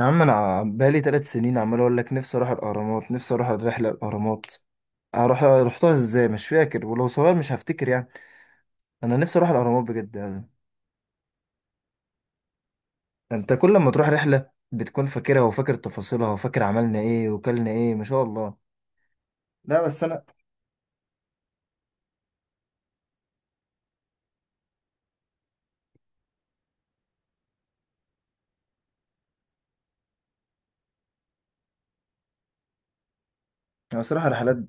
يا عم انا بقالي ثلاث سنين عمال اقول لك نفسي اروح الاهرامات نفسي اروح الرحله الاهرامات اروح رحتها ازاي مش فاكر ولو صغير مش هفتكر يعني. انا نفسي اروح الاهرامات بجد يعني. انت كل ما تروح رحله بتكون فاكرها وفاكر تفاصيلها وفاكر عملنا ايه وكلنا ايه ما شاء الله. لا بس انا بصراحه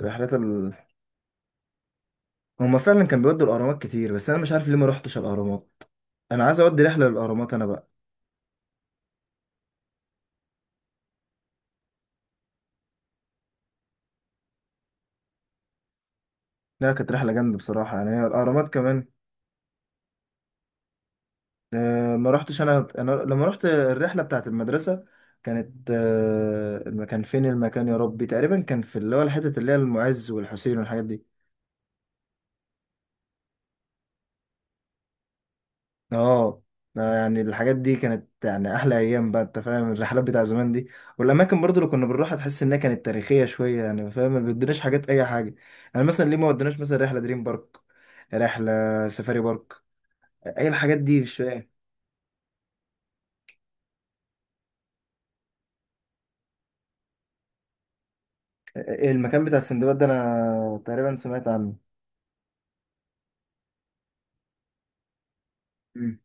رحلات ال... هما فعلا كان بيودوا الاهرامات كتير بس انا مش عارف ليه ما رحتش الاهرامات. انا عايز اودي رحله للاهرامات انا بقى. لا كانت رحله جامده بصراحه يعني هي الاهرامات كمان. ما رحتش انا لما رحت الرحله بتاعت المدرسه كانت، كان فين المكان يا ربي، تقريبا كان في اللي هو الحته اللي هي المعز والحسين والحاجات دي. اه، يعني الحاجات دي كانت يعني احلى ايام بقى، انت فاهم الرحلات بتاع زمان دي والاماكن برضو اللي كنا بنروحها تحس انها كانت تاريخيه شويه، يعني فاهم ما بيدوناش حاجات اي حاجه. يعني مثلا ليه ما ودوناش مثلا رحله دريم بارك، رحله سفاري بارك، اي الحاجات دي مش فاهم. المكان بتاع السندباد ده انا تقريبا سمعت عنه. مم.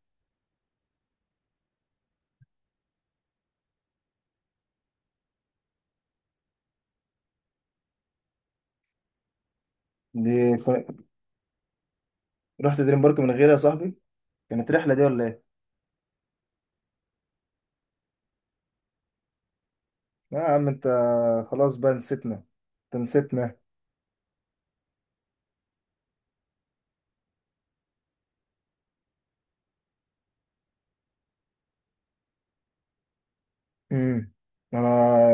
دي رحت دريم بارك من غيري يا صاحبي. كانت رحلة دي ولا ايه؟ لا يا عم انت، خلاص بقى نسيتنا، انت نسيتنا. امم، انا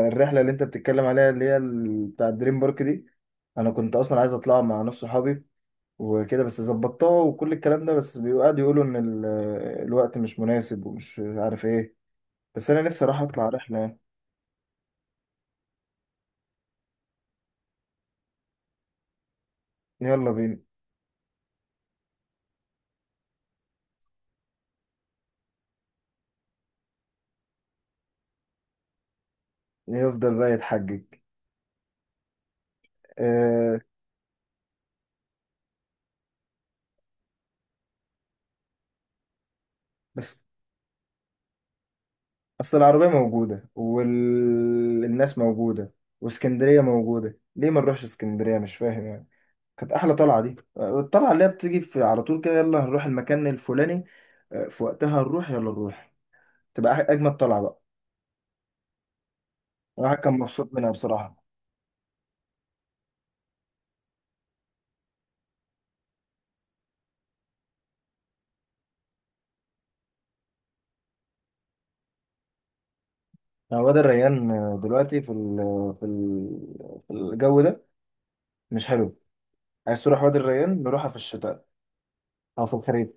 الرحلة اللي انت بتتكلم عليها اللي هي بتاع دريم بارك دي، انا كنت اصلا عايز اطلع مع نص صحابي وكده، بس ظبطتها وكل الكلام ده بس بيقعدوا يقولوا ان الوقت مش مناسب ومش عارف ايه. بس انا نفسي راح اطلع رحلة يعني. يلا بينا. يفضل بقى يتحجج. أه. بس اصل العربية موجودة والناس موجودة واسكندرية موجودة، ليه ما نروحش اسكندرية مش فاهم يعني. كانت احلى طلعة دي، الطلعة اللي هي بتيجي في على طول كده، يلا هنروح المكان الفلاني، في وقتها نروح، يلا نروح، تبقى اجمد طلعة بقى. الواحد كان مبسوط منها بصراحة. يعني واد الريان دلوقتي في ال في ال في الجو ده مش حلو. عايز تروح وادي الريان، نروحها في الشتاء او في الخريف.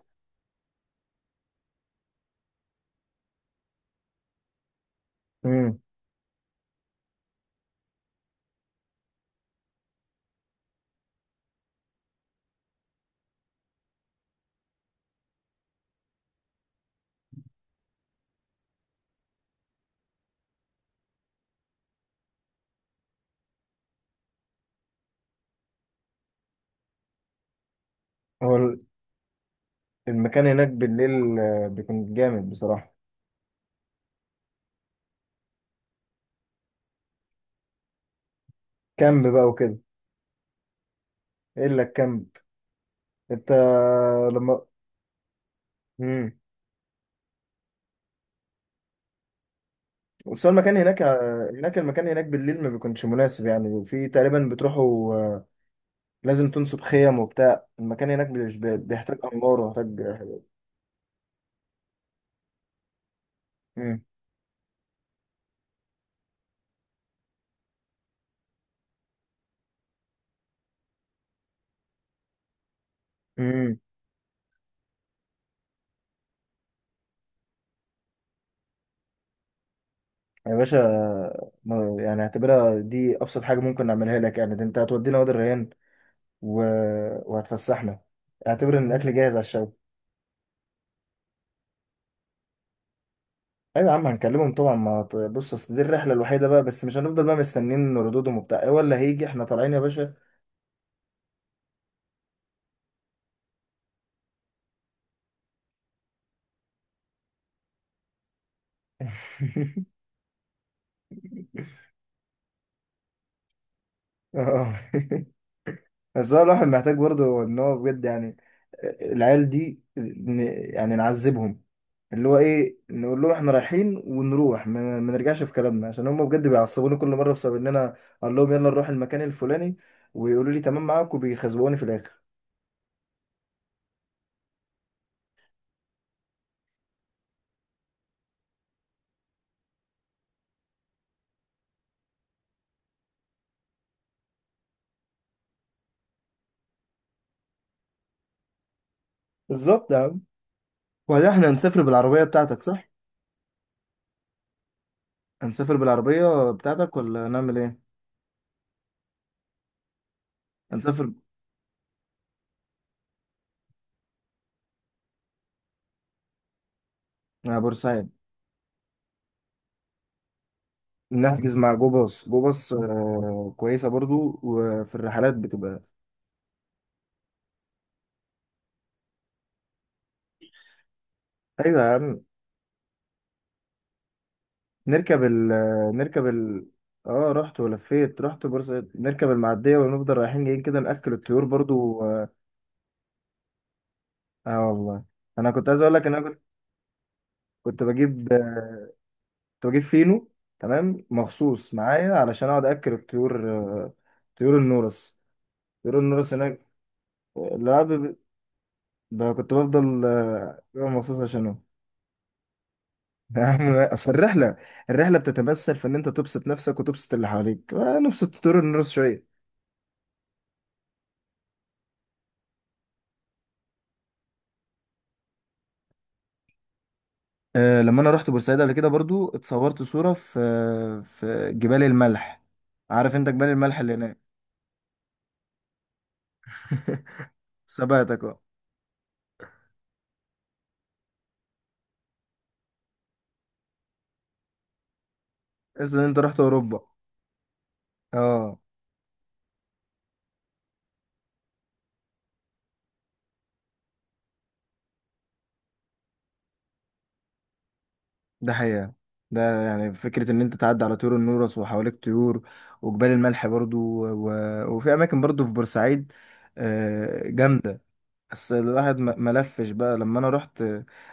امم. هو المكان هناك بالليل بيكون جامد بصراحة. كامب بقى وكده. ايه اللي الكامب؟ انت لما، امم، بس هو المكان هناك، هناك المكان هناك بالليل ما بيكونش مناسب يعني، في تقريبا بتروحوا، لازم تنصب خيم وبتاع، المكان هناك مش بيحتاج انوار ويحتاج. امم. امم. يا باشا، يعني اعتبرها دي ابسط حاجه ممكن نعملها لك، يعني ده انت هتودينا وادي الريان و... وهتفسحنا. اعتبر ان الاكل جاهز على الشوي. ايوه يا عم هنكلمهم طبعا، ما ت- بص اصل دي الرحله الوحيده بقى، بس مش هنفضل بقى مستنيين ردودهم وبتاع إيه، ولا هيجي احنا طالعين يا باشا. اه. بس هو الواحد محتاج برضه ان هو بجد يعني العيال دي، يعني نعذبهم، اللي هو ايه، نقول لهم احنا رايحين ونروح، ما نرجعش في كلامنا، عشان هم بجد بيعصبوني كل مره بسبب ان انا اقول لهم يلا نروح المكان الفلاني، ويقولوا لي تمام معاك، وبيخزقوني في الاخر. بالظبط يا عم. وبعدين احنا هنسافر بالعربيه بتاعتك صح؟ هنسافر بالعربيه بتاعتك ولا نعمل ايه؟ هنسافر مع بورسعيد. نحجز مع جو باص، جو باص كويسة برضو، وفي الرحلات بتبقى. أيوة يا عم. نركب ال نركب ال اه رحت ولفيت، رحت بورسعيد، نركب المعدية ونفضل رايحين جايين كده، نأكل الطيور برضو اه. آه والله. أنا كنت عايز أقول لك إن أنا كنت كنت بجيب كنت بجيب فينو تمام مخصوص معايا علشان أقعد أكل الطيور. آه، طيور النورس طيور النورس هناك. العب ب- كنت بفضل مخصوص عشانهم. يا عم اصل الرحله بتتمثل في ان انت تبسط نفسك وتبسط اللي حواليك، نبسط طول الناس شويه. أه لما انا رحت بورسعيد قبل كده برضو اتصورت صوره في، في جبال الملح. عارف انت جبال الملح اللي هناك؟ سبقتك اه. بس ان انت رحت اوروبا اه. ده حقيقة. ده يعني فكرة ان انت تعدي على طيور النورس وحواليك طيور، وجبال الملح برضو، و... وفي اماكن برضو في بورسعيد جامدة. بس الواحد ما لفش بقى لما انا رحت،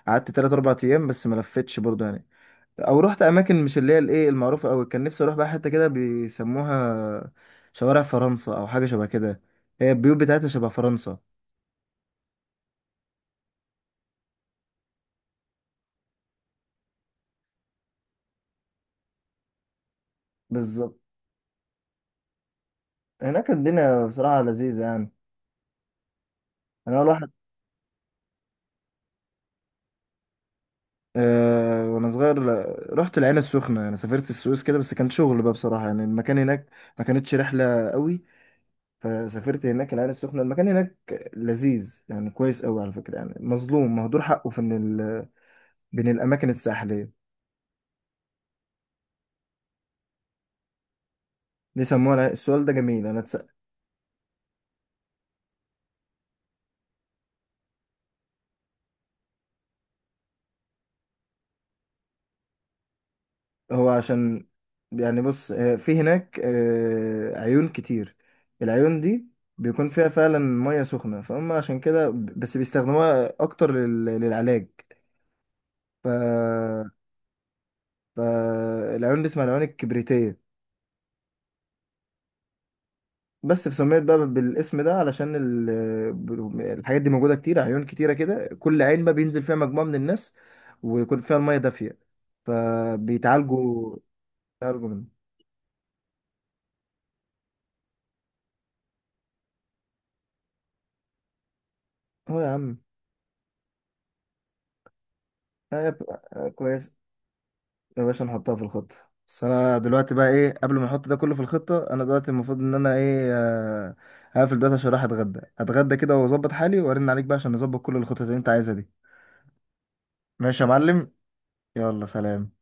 قعدت 3 4 ايام بس ما لفتش برضه يعني، او رحت اماكن مش اللي هي الايه المعروفه قوي. كان نفسي اروح بقى حته كده بيسموها شوارع فرنسا او حاجه شبه كده، هي البيوت بتاعتها شبه فرنسا. بالظبط. هناك الدنيا بصراحه لذيذه يعني. انا اول واحد. أه وانا صغير، رحت العين السخنه، انا سافرت السويس كده بس كان شغل بقى بصراحه، يعني المكان هناك ما كانتش رحله قوي. فسافرت هناك العين السخنة، المكان هناك لذيذ يعني كويس قوي على فكرة، يعني مظلوم مهدور حقه في ان ال... بين الأماكن الساحلية. ليه السؤال ده جميل أنا اتسأل. هو عشان، يعني بص، في هناك عيون كتير. العيون دي بيكون فيها فعلا مية سخنة، فهم عشان كده بس بيستخدموها أكتر للعلاج. ف... فالعيون دي اسمها العيون الكبريتية. بس فسميت بقى بالاسم ده علشان الحاجات دي موجودة كتير، عيون كتيرة كده، كل عين بقى بينزل فيها مجموعة من الناس ويكون فيها المية دافية فبيتعالجوا، بيتعالجوا منه. اه يا عم. آه، كويس. يا باشا نحطها في الخطة. بس انا دلوقتي بقى ايه، قبل ما احط ده كله في الخطة، انا دلوقتي المفروض ان انا ايه، هقفل دلوقتي عشان رايح اتغدى كده واظبط حالي وارن عليك بقى عشان نظبط كل الخطط اللي انت عايزها دي. ماشي يا معلم. يلا سلام.